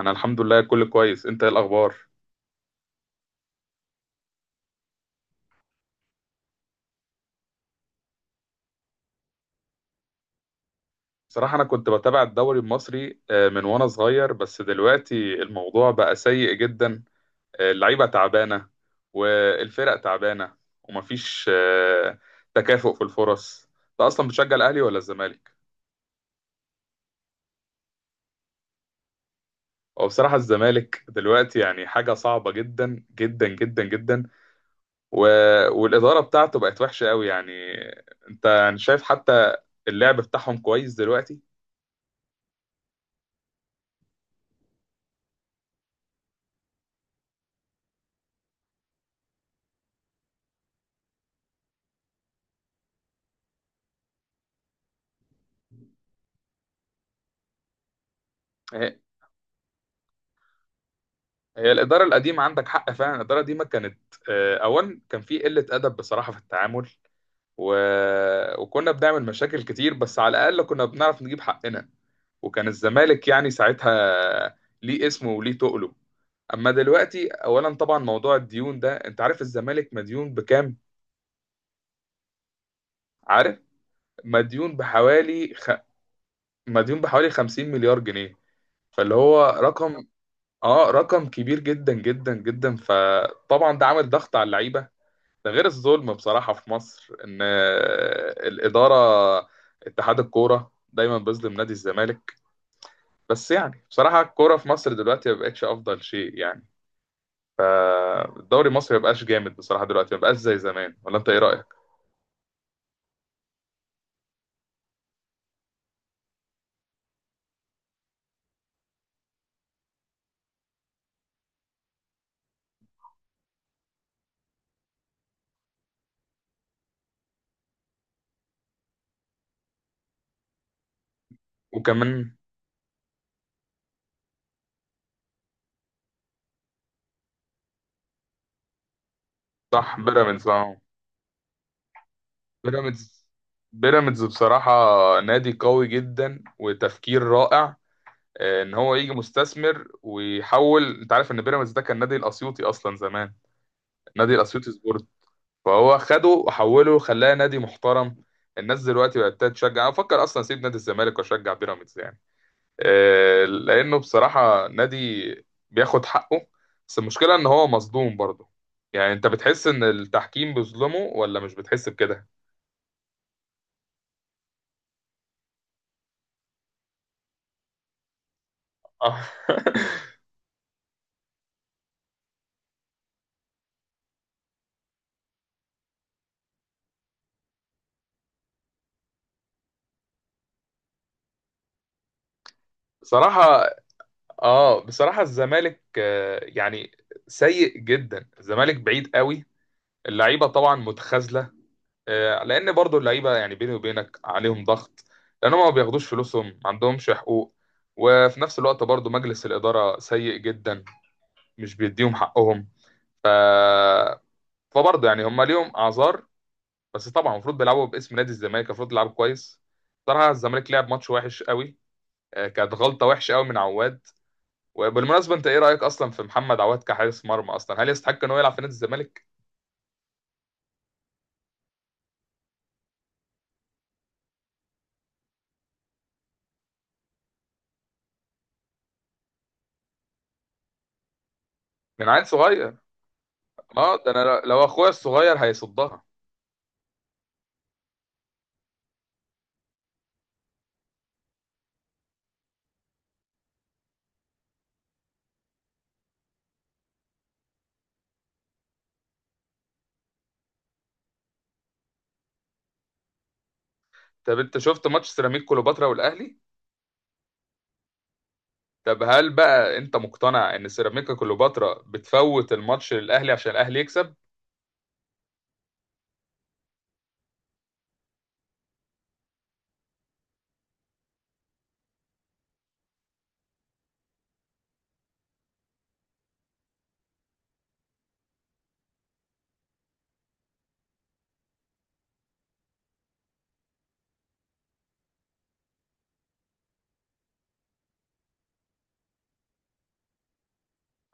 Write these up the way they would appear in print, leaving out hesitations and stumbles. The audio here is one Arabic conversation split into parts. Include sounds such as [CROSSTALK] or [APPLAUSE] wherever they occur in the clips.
انا الحمد لله كل كويس. انت ايه الاخبار؟ بصراحه انا كنت بتابع الدوري المصري من وانا صغير، بس دلوقتي الموضوع بقى سيء جدا. اللعيبه تعبانه والفرق تعبانه، ومفيش تكافؤ في الفرص. انت اصلا بتشجع الاهلي ولا الزمالك؟ هو بصراحه الزمالك دلوقتي يعني حاجه صعبه جدا جدا جدا جدا، و... والاداره بتاعته بقت وحشه قوي يعني. انت يعني شايف حتى اللعب بتاعهم كويس دلوقتي؟ هي الإدارة القديمة، عندك حق فعلا. الإدارة القديمة كانت أولا كان في قلة أدب بصراحة في التعامل، و... وكنا بنعمل مشاكل كتير، بس على الأقل كنا بنعرف نجيب حقنا. وكان الزمالك يعني ساعتها ليه اسمه وليه تقله. أما دلوقتي أولا طبعا موضوع الديون ده، أنت عارف الزمالك مديون بكام؟ عارف؟ مديون بحوالي مديون بحوالي 50 مليار جنيه. فاللي هو رقم، آه رقم كبير جدا جدا جدا. فطبعا ده عامل ضغط على اللعيبة. ده غير الظلم بصراحة في مصر، إن الإدارة، اتحاد الكورة دايما بيظلم نادي الزمالك. بس يعني بصراحة الكورة في مصر دلوقتي ما بقتش أفضل شيء يعني. الدوري المصري ما بقاش جامد بصراحة دلوقتي، ما بقاش زي زمان. ولا أنت إيه رأيك؟ وكمان صح، بيراميدز أهو. بيراميدز، بيراميدز بصراحة نادي قوي جدا وتفكير رائع. إن هو يجي مستثمر ويحول. أنت عارف إن بيراميدز ده كان نادي الأسيوطي أصلا زمان، نادي الأسيوطي سبورت. فهو خده وحوله، خلاه نادي محترم. الناس دلوقتي بقت تشجع. افكر اصلا اسيب نادي الزمالك واشجع بيراميدز يعني، لانه بصراحه نادي بياخد حقه. بس المشكله ان هو مظلوم برضه. يعني انت بتحس ان التحكيم بيظلمه ولا مش بتحس بكده؟ آه. [LAUGHS] بصراحه، اه بصراحه الزمالك يعني سيء جدا. الزمالك بعيد قوي. اللعيبه طبعا متخاذله، لان برضو اللعيبه يعني بيني وبينك عليهم ضغط، لان هم ما بياخدوش فلوسهم، ما عندهمش حقوق. وفي نفس الوقت برضو مجلس الاداره سيء جدا، مش بيديهم حقهم. ف فبرضو يعني هم ليهم اعذار. بس طبعا المفروض بيلعبوا باسم نادي الزمالك، المفروض يلعبوا كويس. صراحه الزمالك لعب ماتش وحش قوي. كانت غلطه وحشه قوي من عواد. وبالمناسبه، انت ايه رايك اصلا في محمد عواد كحارس مرمى اصلا؟ هل يستحق ان هو يلعب في نادي الزمالك؟ من عيل صغير. اه، ده انا لو اخويا الصغير هيصدها. طب انت شفت ماتش سيراميكا كليوباترا والاهلي؟ طب هل بقى انت مقتنع ان سيراميكا كليوباترا بتفوت الماتش للاهلي عشان الاهلي يكسب؟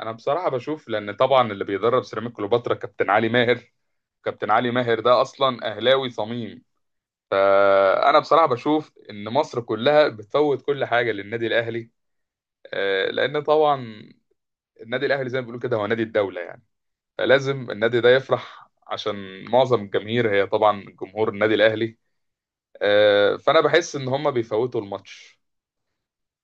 انا بصراحه بشوف، لان طبعا اللي بيدرب سيراميكا كليوباترا كابتن علي ماهر. كابتن علي ماهر ده اصلا اهلاوي صميم. فانا بصراحه بشوف ان مصر كلها بتفوت كل حاجه للنادي الاهلي. لان طبعا النادي الاهلي زي ما بيقولوا كده هو نادي الدوله يعني. فلازم النادي ده يفرح عشان معظم الجماهير هي طبعا جمهور النادي الاهلي. فانا بحس ان هم بيفوتوا الماتش.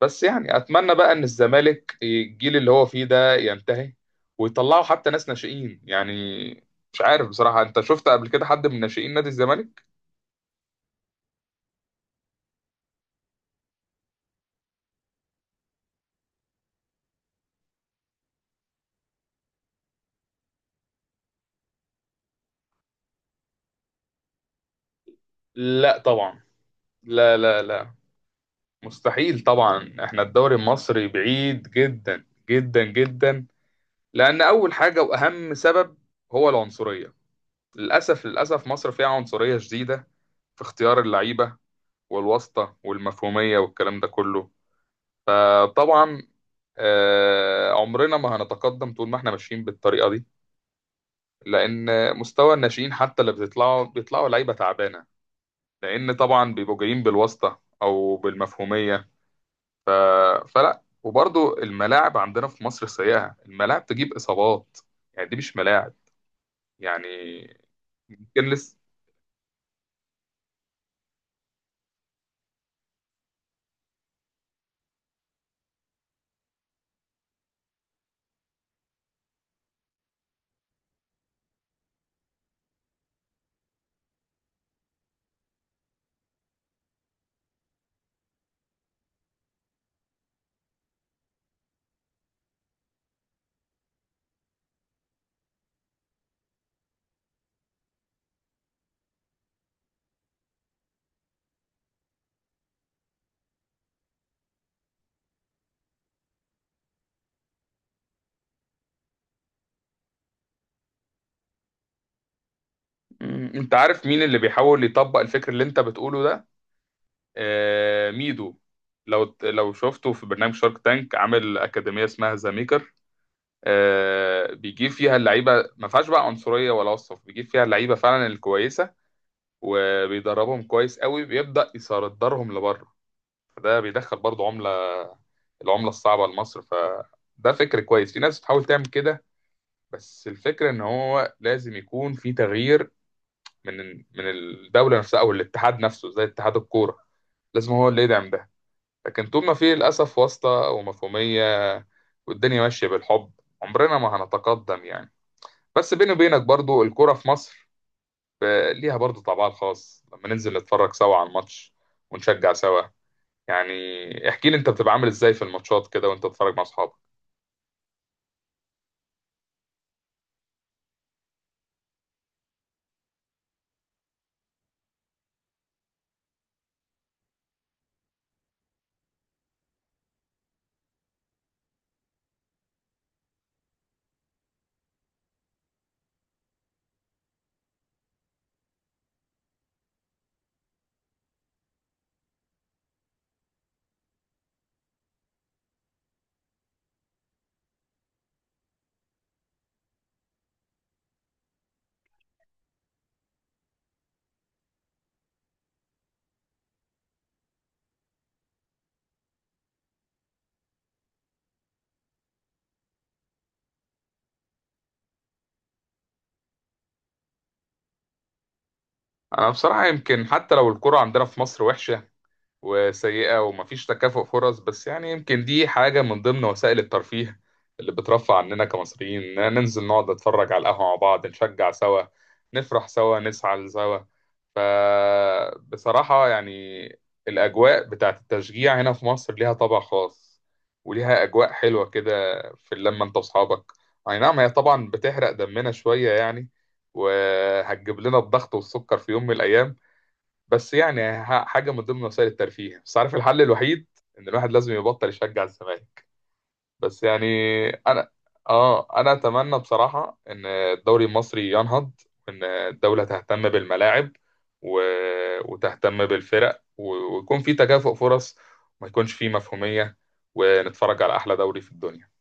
بس يعني اتمنى بقى ان الزمالك الجيل اللي هو فيه ده ينتهي، ويطلعوا حتى ناس ناشئين يعني. مش عارف بصراحة، انت شفت قبل كده حد من ناشئين نادي الزمالك؟ لا طبعا. لا لا لا، مستحيل طبعا. احنا الدوري المصري بعيد جدا جدا جدا. لان اول حاجة واهم سبب هو العنصرية. للاسف للاسف مصر فيها عنصرية شديدة في اختيار اللعيبة، والواسطة والمفهومية والكلام ده كله. فطبعا عمرنا ما هنتقدم طول ما احنا ماشيين بالطريقه دي. لان مستوى الناشئين حتى اللي بيطلعوا، بيطلعوا لعيبه تعبانه، لان طبعا بيبقوا جايين بالواسطه او بالمفهوميه. ف... فلا، وبرضو الملاعب عندنا في مصر سيئه. الملاعب تجيب اصابات، يعني دي مش ملاعب يعني. ممكن لسه. انت عارف مين اللي بيحاول يطبق الفكر اللي انت بتقوله ده؟ ميدو. لو شفته في برنامج شارك تانك، عامل اكاديميه اسمها ذا ميكر. بيجيب فيها اللعيبه، ما فيهاش بقى عنصريه ولا وصف. بيجيب فيها اللعيبه فعلا الكويسه، وبيدربهم كويس قوي. بيبدا يصدرهم لبره، فده بيدخل برضو عمله، العمله الصعبه لمصر. فده فكر كويس، في ناس بتحاول تعمل كده. بس الفكره ان هو لازم يكون في تغيير من الدوله نفسها او الاتحاد نفسه زي اتحاد الكوره. لازم هو اللي يدعم ده. لكن طول ما في للاسف واسطه ومفهوميه، والدنيا ماشيه بالحب، عمرنا ما هنتقدم يعني. بس بيني وبينك برضو الكرة في مصر ليها برضو طابعها الخاص لما ننزل نتفرج سوا على الماتش، ونشجع سوا يعني. احكي لي انت بتبقى عامل ازاي في الماتشات كده وانت بتتفرج مع اصحابك؟ انا بصراحة يمكن حتى لو الكرة عندنا في مصر وحشة وسيئة ومفيش تكافؤ فرص، بس يعني يمكن دي حاجة من ضمن وسائل الترفيه اللي بترفع عننا كمصريين، إننا ننزل نقعد نتفرج على القهوة مع بعض، نشجع سوا، نفرح سوا، نزعل سوا. فبصراحة يعني الأجواء بتاعت التشجيع هنا في مصر ليها طابع خاص، وليها أجواء حلوة كده في اللمة أنت وأصحابك. أي نعم، هي طبعا بتحرق دمنا شوية يعني، وهتجيب لنا الضغط والسكر في يوم من الأيام، بس يعني حاجة من ضمن وسائل الترفيه. بس عارف الحل الوحيد؟ إن الواحد لازم يبطل يشجع الزمالك. بس يعني انا، اه انا اتمنى بصراحه ان الدوري المصري ينهض، وان الدوله تهتم بالملاعب، و... وتهتم بالفرق، ويكون في تكافؤ فرص، وما يكونش في مفهوميه، ونتفرج على احلى دوري في الدنيا.